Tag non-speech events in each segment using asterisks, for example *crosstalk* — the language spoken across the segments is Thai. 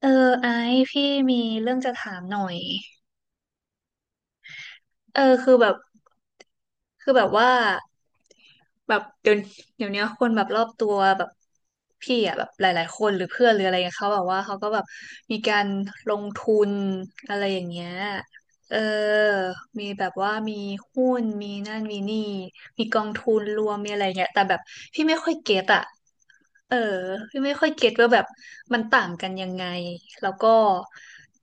เออไอซ์พี่มีเรื่องจะถามหน่อยเออคือแบบคือแบบว่าแบบเดี๋ยวเดี๋ยวนี้คนแบบรอบตัวแบบพี่อะแบบหลายๆคนหรือเพื่อนหรืออะไรเงี้ยเขาแบบว่าเขาก็แบบมีการลงทุนอะไรอย่างเงี้ยเออมีแบบว่ามีหุ้นมีนั่นมีนี่มีกองทุนรวมมีอะไรเงี้ยแต่แบบพี่ไม่ค่อยเก็ตอะ เออพี่ไม่ค่อยเก็ตว่าแบบมันต่างกันยังไงแล้วก็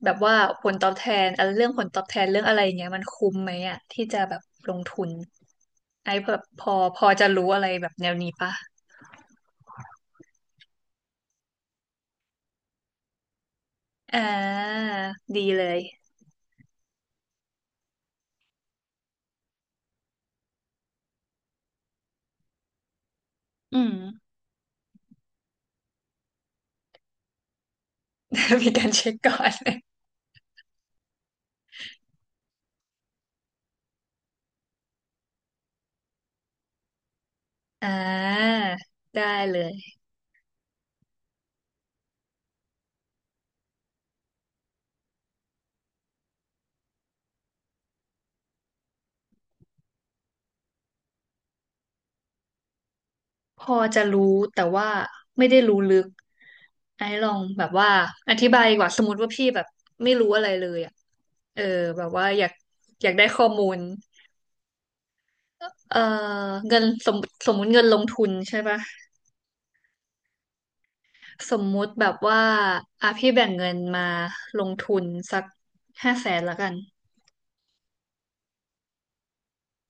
แบบว่าผลตอบแทนอะไรเรื่องผลตอบแทนเรื่องอะไรเงี้ยมันคุ้มไหมอ่ะที่จะแบบลงทุนไอ้แบบพอพอจะรู้อะไรแบบแนวนี้ปะอ่าดีเลยอืม *laughs* มีการเช็คก่อน *laughs* อ่าได้เลย พอจะรู้แต่ว่าไม่ได้รู้ลึกไอ้ลองแบบว่าอธิบายดีกว่าสมมติว่าพี่แบบไม่รู้อะไรเลยอ่ะเออแบบว่าอยากอยากได้ข้อมูลเอ่อเงินสมสมมุติเงินลงทุนใช่ปะสมมุติแบบว่าอ่ะพี่แบ่งเงินมาลงทุนสักห้าแสนละกัน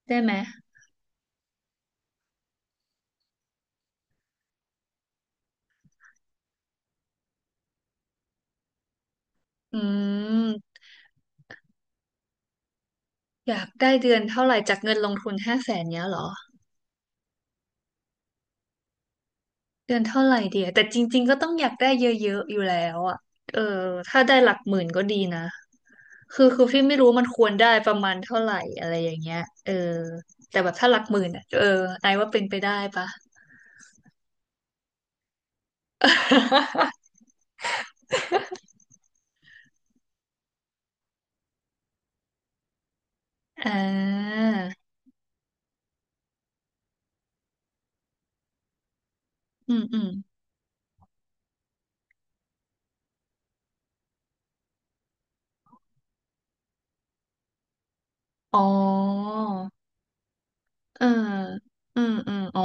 ได้ไหมอืมอยากได้เดือนเท่าไหร่จากเงินลงทุนห้าแสนเนี้ยเหรอ เดือนเท่าไหร่เดียแต่จริงๆ ก็ต้องอยากได้เยอะๆอยู่แล้วอ่ะเออถ้าได้หลักหมื่นก็ดีนะคือคือพี่ไม่รู้มันควรได้ประมาณเท่าไหร่อะไรอย่างเงี้ย เออ แต่แบบถ้าหลักหมื่นอ่ะเออไอว่าเป็นไปได้ปะ *laughs* อ่าอืมอืมอ๋อเอออืมอืมอ๋อ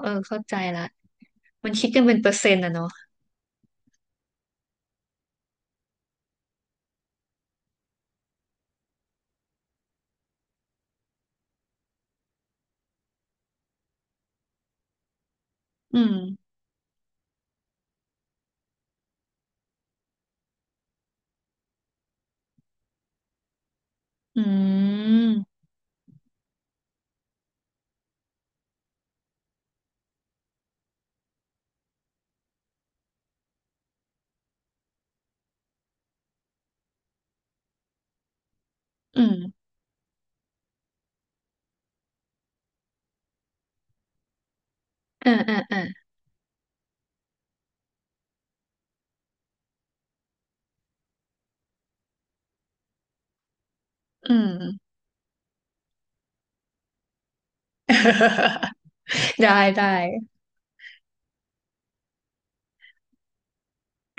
เออเข้าใจละ มันคิดกันเป็นเปอร์เซ็นต์อะเนาะอืม อืม อืมเอ่าอ่าอ่าอืม *laughs* ได้ได้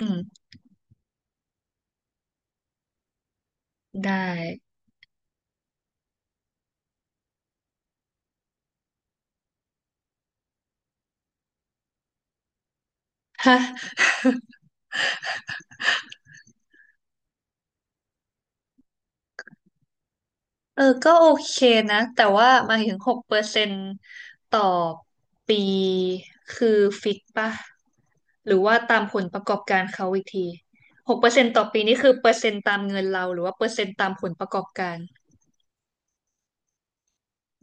อืม ได้ *laughs* ฮะเออก็โอเคนะแต่ว่าหมายถึงหกเปอร์เซ็นต์ต่อปีคือฟิกป่ะหรือว่าตามผลประกอบการเขาอีกทีหกเปอร์เซ็นต์ต่อปีนี่คือเปอร์เซ็นต์ตามเงินเราหรือว่าเปอร์เซ็นต์ตามผลประกอบการ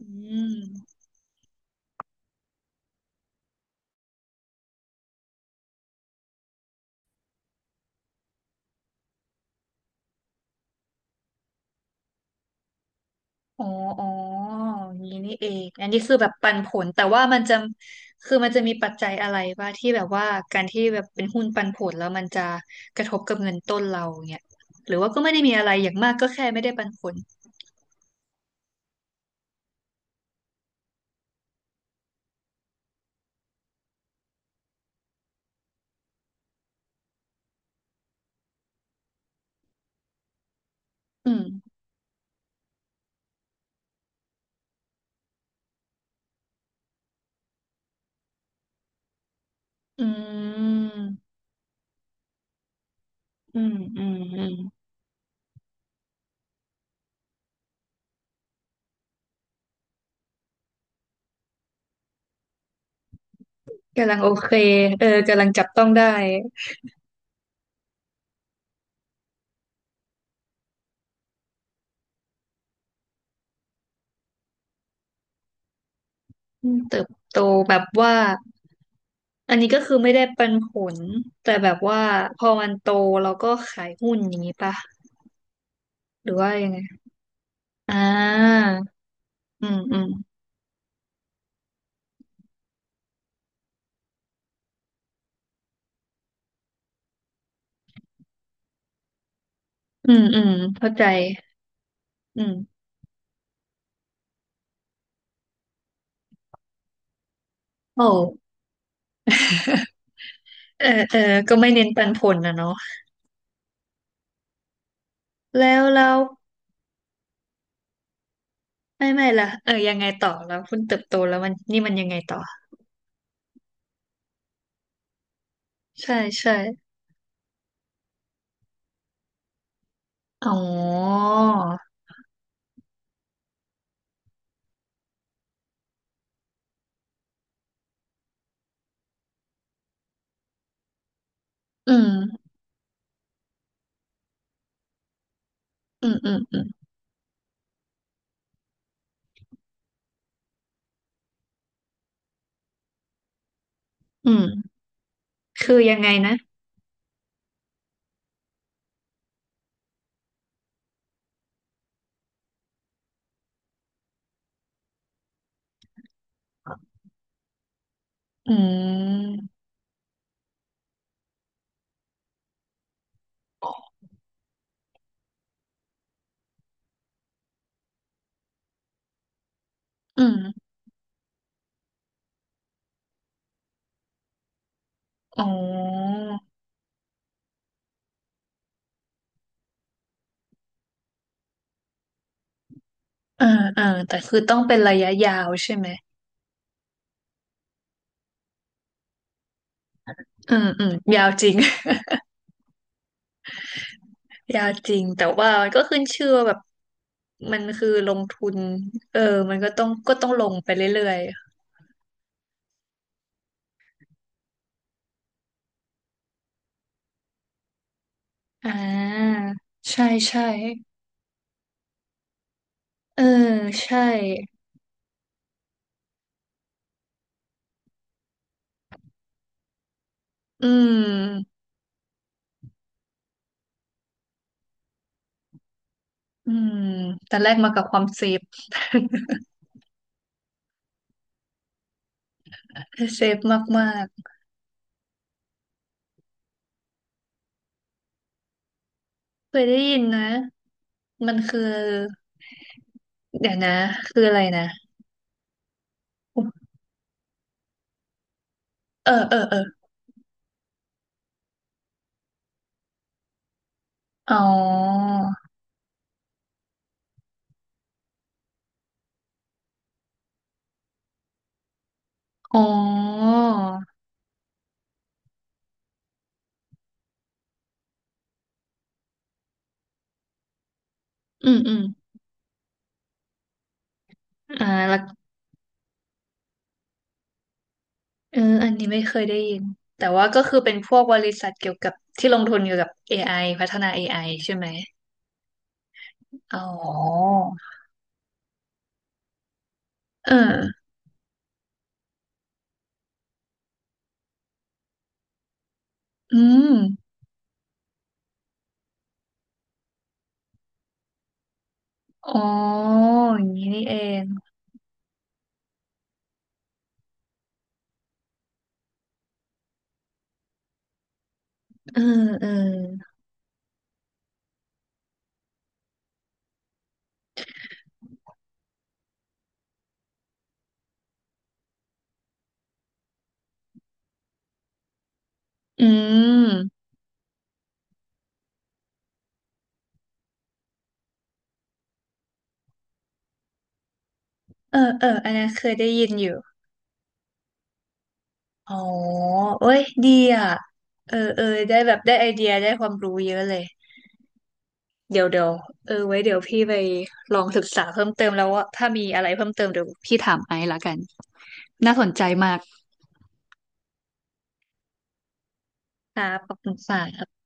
อืม อ๋ออ๋ออย่างนี้นี่เองอันนี้คือแบบปันผลแต่ว่ามันจะคือมันจะมีปัจจัยอะไรบ้างที่แบบว่าการที่แบบเป็นหุ้นปันผลแล้วมันจะกระทบกับเงินต้นเราเนี่ยหรือว่าก็ไม่ได้มีอะไรอย่างมากก็แค่ไม่ได้ปันผลอืมอืมอืมอืมอืมกำลังโอเคเออกำลังจับต้องได้อืมเติบโตแบบว่าอันนี้ก็คือไม่ได้ปันผลแต่แบบว่าพอมันโตเราก็ขายหุ้นอย่างนี้ปะหรือว่ายังไงอ่า อืมอืมอืมอืมเข้าใจอืมโอ้เออเออก็ไม่เน้นปันผลนะเนาะแล้วแล้วไม่ไม่ละเออยังไงต่อแล้วคุณเติบโตแล้วมันนี่มันยังไงต่อใช่ใช่อ๋ออืมอืมอืมอืมอืมคือยังไงนะอืมอืมอ๋อเออเออแต่คือต้องเป็นระยะยาวใช่ไหมอืมอืมยาวจริง ยากจริงแต่ว่ามันก็ขึ้นชื่อว่าแบบมันคือลงทุนเออมันก็ต้องก็ต้องลงไปเรื่อยๆอ่าใช่ใช่เออใช่ๆอืมอืมแต่แรกมากับความเซฟ *laughs* เซฟมากๆเคยได้ยินนะมันคือเดี๋ยวนะคืออะไรนะเออเออเอออ๋ออ๋ออืมอืมอ่าแล้ว เอออันนี้ไม่เคยได้ยินแต่ว่าก็คือเป็นพวกบริษัทเกี่ยวกับที่ลงทุนเกี่ยวกับ AI พัฒนา AI ใช่ไหมอ๋อเอออืมอ๋ออย่างนี้นี่เองเออเอออืมเออเอออันนั้นเคยได้ยินอยู่อ๋อเอ้ยดีอ่ะเออเออได้แบบได้ไอเดียได้ความรู้เยอะเลยเดี๋ยวเดี๋ยวเออไว้เดี๋ยวพี่ไปลองศึกษาเพิ่มเติมแล้วว่าถ้ามีอะไรเพิ่มเติมเดี๋ยวพี่ถามไอซ์ละกัน น่าสนใจมาก ครับขอบคุณค่ะ